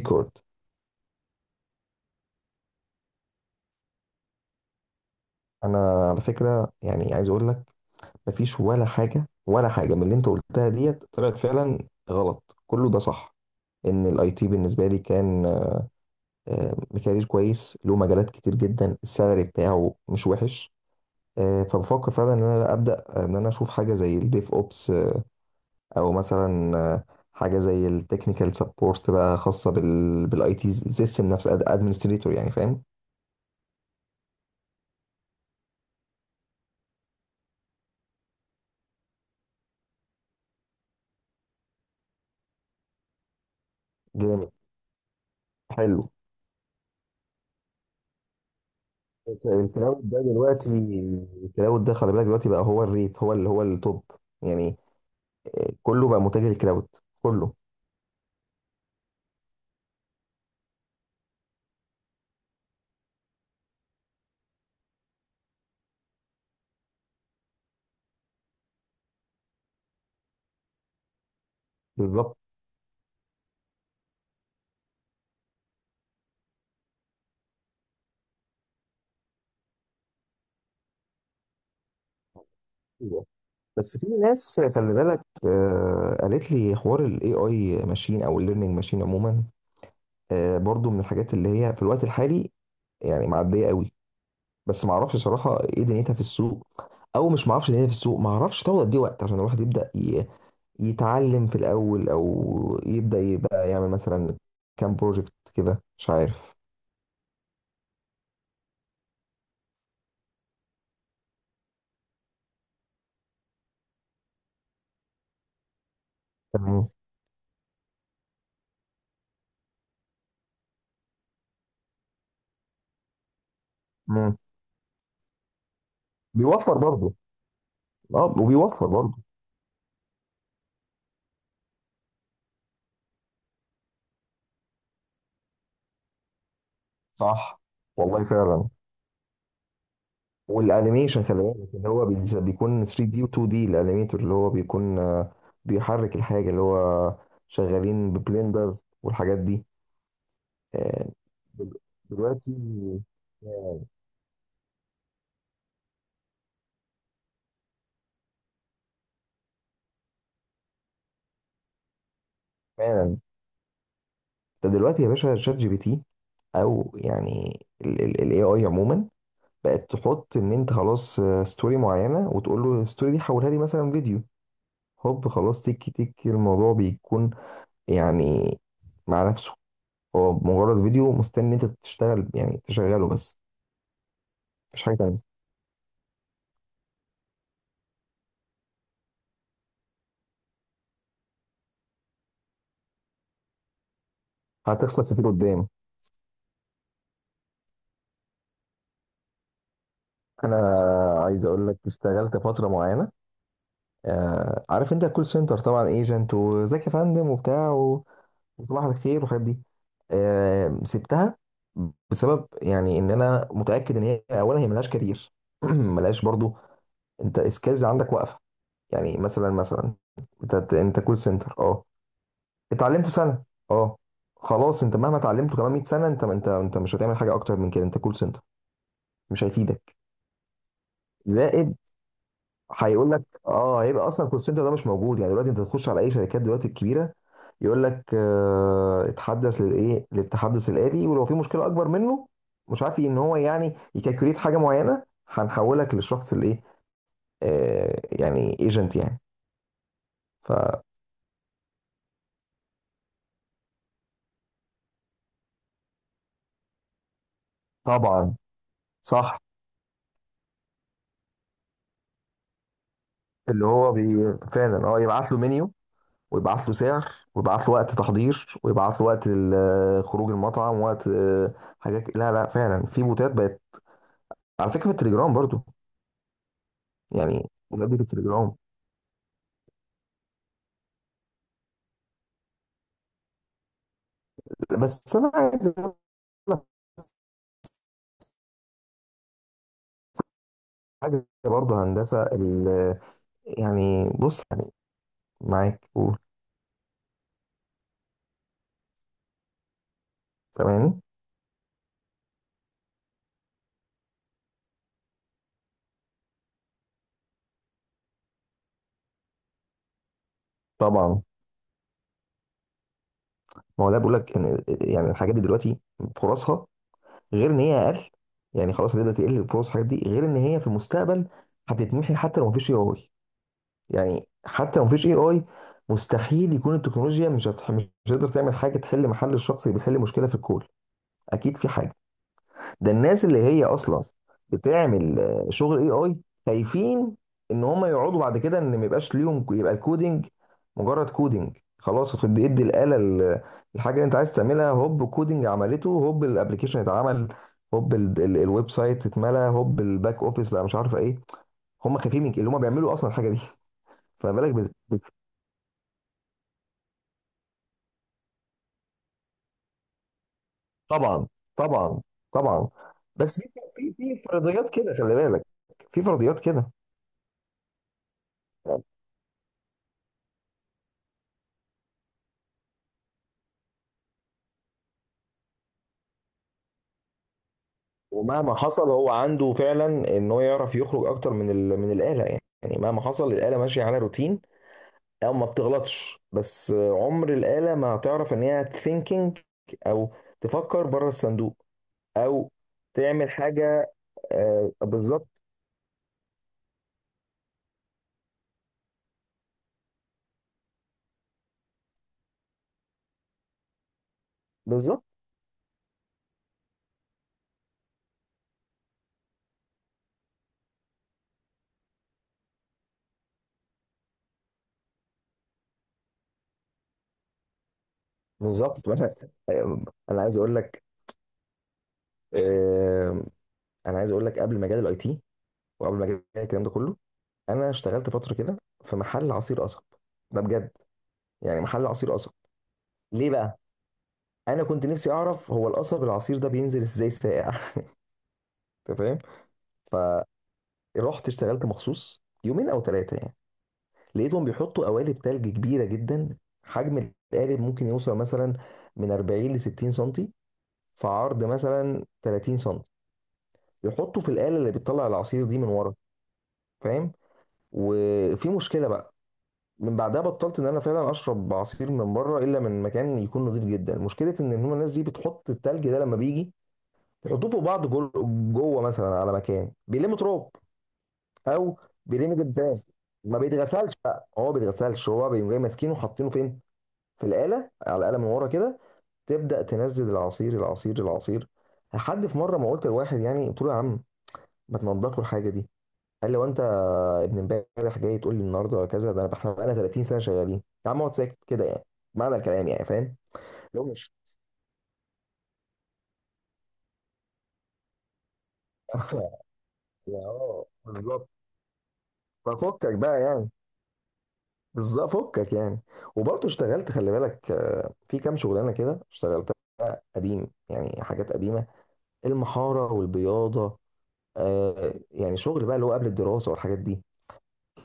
ريكورد. انا على فكره، يعني عايز اقول لك، مفيش ولا حاجه ولا حاجه من اللي انت قلتها ديت طلعت فعلا غلط، كله ده صح. ان الاي تي بالنسبه لي كان آه، كارير كويس، له مجالات كتير جدا، السالري بتاعه مش وحش. فبفكر فعلا ان انا ابدا، ان انا اشوف حاجه زي الديف اوبس، او مثلا حاجه زي التكنيكال سبورت بقى، خاصه بالاي تي سيستم نفسه، ادمنستريتور، يعني فاهم. جامد. حلو. الكلاود ده دلوقتي، الكلاود ده خلي بالك، دلوقتي بقى هو الريت، هو اللي هو التوب، يعني كله بقى متجه للكلاود، كله. بالظبط كده. بس في ناس خلي بالك، قالت لي حوار الاي اي ماشين او الليرنينج ماشين عموما، برضو من الحاجات اللي هي في الوقت الحالي، يعني معديه قوي. بس ما اعرفش صراحه ايه دنيتها في السوق، او مش ما اعرفش دنيتها في السوق، ما اعرفش تاخد قد ايه وقت عشان الواحد يبدا يتعلم في الأول، أو يبدأ يبقى يعمل مثلا كام بروجكت كده، مش عارف. تمام. مم. بيوفر برضه. اه، وبيوفر برضه. صح. والله فعلا. والانيميشن خلي بالك، اللي هو بيكون 3 دي و 2 دي، الانيميتور اللي هو بيكون بيحرك الحاجة، اللي هو شغالين ببلندر، والحاجات دي. آه، دل- دلوقتي، فعلا فعلا. ده دلوقتي يا باشا، شات جي بي تي، او يعني الاي اي عموما، بقت تحط ان انت خلاص، ستوري معينه، وتقول له الستوري دي حولها لي مثلا فيديو، هوب خلاص تك تك الموضوع بيكون، يعني، مع نفسه، هو مجرد فيديو مستني انت تشتغل، يعني تشغله بس. مفيش حاجه تانيه. هتخسر كتير قدام. انا عايز اقول لك، اشتغلت فتره معينه، آه، عارف انت الكول سنتر طبعا، ايجنت وزكي فندم وبتاع، صباح الخير والحاجات دي. سبتها بسبب، يعني، ان انا متاكد ان هي اولا هي ملهاش كارير ملهاش برضو انت سكيلز عندك واقفه، يعني، مثلا مثلا، انت كول سنتر، اه، اتعلمته سنه، اه، خلاص انت مهما اتعلمته كمان 100 سنه، انت مش هتعمل حاجه اكتر من كده، انت كول سنتر، مش هيفيدك. زائد هيقول لك، اه، هيبقى اصلا الكول سنتر ده مش موجود. يعني دلوقتي انت تخش على اي شركات دلوقتي الكبيره، يقول لك آه اتحدث للايه، للتحدث الآلي، ولو في مشكله اكبر منه، مش عارف ان هو يعني يكالكوليت حاجه معينه، هنحولك للشخص الايه، آه، يعني ايجنت يعني. فطبعا. صح. اللي هو بي فعلا اه، يبعت له منيو، ويبعت له سعر، ويبعت له وقت تحضير، ويبعت له وقت خروج المطعم، وقت آه، حاجات. لا لا فعلا، في بوتات بقت، على فكره، في التليجرام برضو. يعني ولادة العمر. بس انا عايز اقول لك حاجه برضه، هندسه يعني، بص، يعني، معاك، قول، سامعني. طبعا. ما هو ده بيقول لك ان يعني الحاجات دي دلوقتي فرصها، غير ان هي اقل، يعني خلاص هتبدا تقل فرص الحاجات دي، غير ان هي في المستقبل هتتمحي. حتى لو مفيش اي اي، يعني حتى لو مفيش اي اي، مستحيل يكون التكنولوجيا مش هتقدر تعمل حاجه تحل محل الشخص اللي بيحل مشكله في الكون. اكيد في حاجه. ده الناس اللي هي اصلا بتعمل شغل اي اي خايفين ان هم يقعدوا بعد كده ان ما يبقاش ليهم يبقى الكودينج مجرد كودينج خلاص، هتدي الاله الحاجه اللي انت عايز تعملها، هوب كودينج عملته، هوب الابلكيشن اتعمل، هوب الويب سايت اتملى، هوب الباك اوفيس، بقى مش عارف ايه. هم خايفين من اللي هم بيعملوا اصلا الحاجه دي. فما بالك طبعا. طبعا. طبعا. بس في، في فرضيات كده خلي بالك، في فرضيات كده. ومهما حصل، هو عنده فعلا ان هو يعرف يخرج اكتر من من الاله. يعني، يعني، مهما حصل الاله ماشيه على روتين، او ما بتغلطش، بس عمر الاله ما هتعرف ان هي ثينكينج، او تفكر بره الصندوق، او تعمل حاجه. بالظبط. بالظبط. بالظبط. مثلا. آه، انا عايز اقول لك، آه، انا عايز اقول لك، قبل مجال الاي تي، وقبل مجال الكلام ده كله، انا اشتغلت فتره كده في محل عصير قصب، ده بجد. يعني محل عصير قصب، ليه بقى؟ انا كنت نفسي اعرف هو القصب، العصير ده بينزل ازاي ساقع. انت فاهم؟ فرحت اشتغلت مخصوص يومين او ثلاثه، يعني لقيتهم بيحطوا قوالب تلج كبيره جدا. حجم القالب ممكن يوصل مثلا من 40 ل 60 سنتي، في عرض مثلا 30 سنتي، يحطوا في الآلة اللي بتطلع العصير دي من ورا، فاهم؟ وفي مشكله بقى. من بعدها بطلت ان انا فعلا اشرب عصير من بره، الا من مكان يكون نظيف جدا. مشكله ان هم الناس دي بتحط التلج ده لما بيجي يحطوه فوق بعض، جوه مثلا على مكان بيلموا تراب، او بيلموا جدران، ما بيتغسلش بقى، هو ما بيتغسلش، هو بيقوم جاي ماسكينه وحاطينه فين؟ في الآلة، على الآلة من ورا كده، تبدأ تنزل العصير العصير العصير. لحد في مرة ما قلت لواحد، يعني قلت له يا عم ما تنضفوا الحاجة دي. قال لي وانت ابن امبارح جاي تقول لي النهارده ولا كذا؟ ده انا احنا بقالنا 30 سنة شغالين، يا عم اقعد ساكت كده يعني. معنى الكلام يعني، فاهم؟ لو مش يا اه بالظبط، ففكك بقى يعني، بالظبط، فكك يعني. وبرضه اشتغلت خلي بالك، في كام شغلانه كده اشتغلتها، قديم يعني، حاجات قديمه، المحاره والبياضه، يعني شغل بقى اللي هو قبل الدراسه والحاجات دي.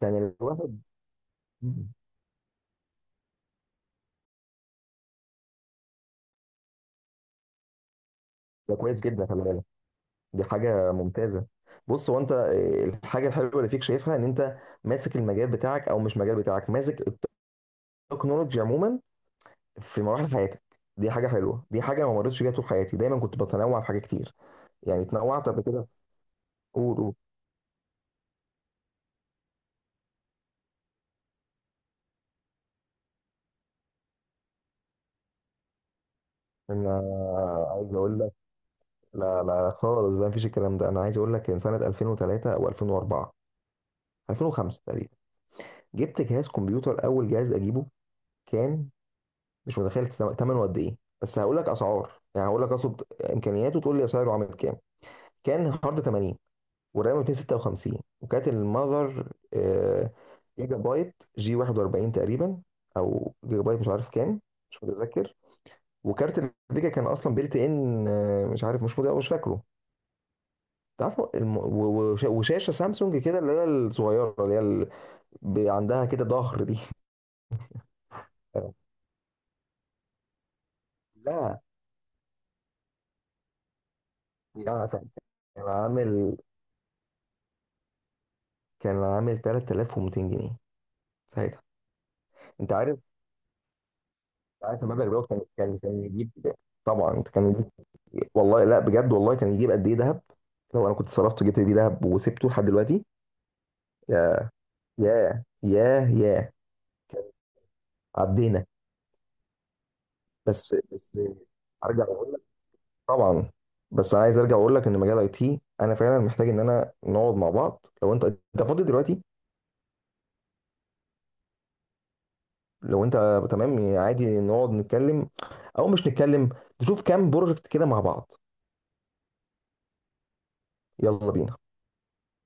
كان الواحد، ده كويس جدا خلي بالك. دي حاجه ممتازه. بص، هو انت الحاجه الحلوه اللي فيك شايفها، ان انت ماسك المجال بتاعك، او مش مجال بتاعك، ماسك التكنولوجيا عموما في مراحل حياتك، دي حاجه حلوه، دي حاجه ما مرتش بيها طول حياتي، دايما كنت بتنوع في حاجات كتير. يعني اتنوعت قبل كده في، قول قول. انا عايز اقول لك، لا لا خالص بقى، مفيش الكلام ده. انا عايز اقول لك ان سنه 2003 او 2004 2005 تقريبا، جبت جهاز كمبيوتر، اول جهاز اجيبه، كان مش متخيل ثمنه قد ايه. بس هقول لك اسعار، يعني هقول لك اقصد امكانياته، تقول لي اسعاره عامل كام. كان هارد 80، والرام 256، وكانت المذر جيجا بايت جي 41 تقريبا، او جيجا بايت مش عارف كام، مش متذكر. وكارت الفيجا كان اصلا بيلت ان، مش عارف، مش فاكره. وشاشه سامسونج كده، اللي هي الصغيره، اللي هي عندها كده ظهر دي. لا يعني، عامل كان عامل 3200 جنيه ساعتها. انت عارف، عارف المبلغ ده كان يجيب؟ طبعا كان يجيب. والله لا بجد، والله كان يجيب قد ايه ذهب. لو انا كنت صرفت جبت بيه ذهب وسبته لحد دلوقتي، يا يا يا يا. كان عدينا. بس بس، ارجع اقول. طبعا. بس انا عايز ارجع واقول لك، ان مجال اي تي انا فعلا محتاج ان انا نقعد مع بعض، لو انت فاضي دلوقتي. لو انت تمام، يعني عادي نقعد نتكلم، او مش نتكلم، نشوف كام بروجكت كده مع بعض. يلا بينا.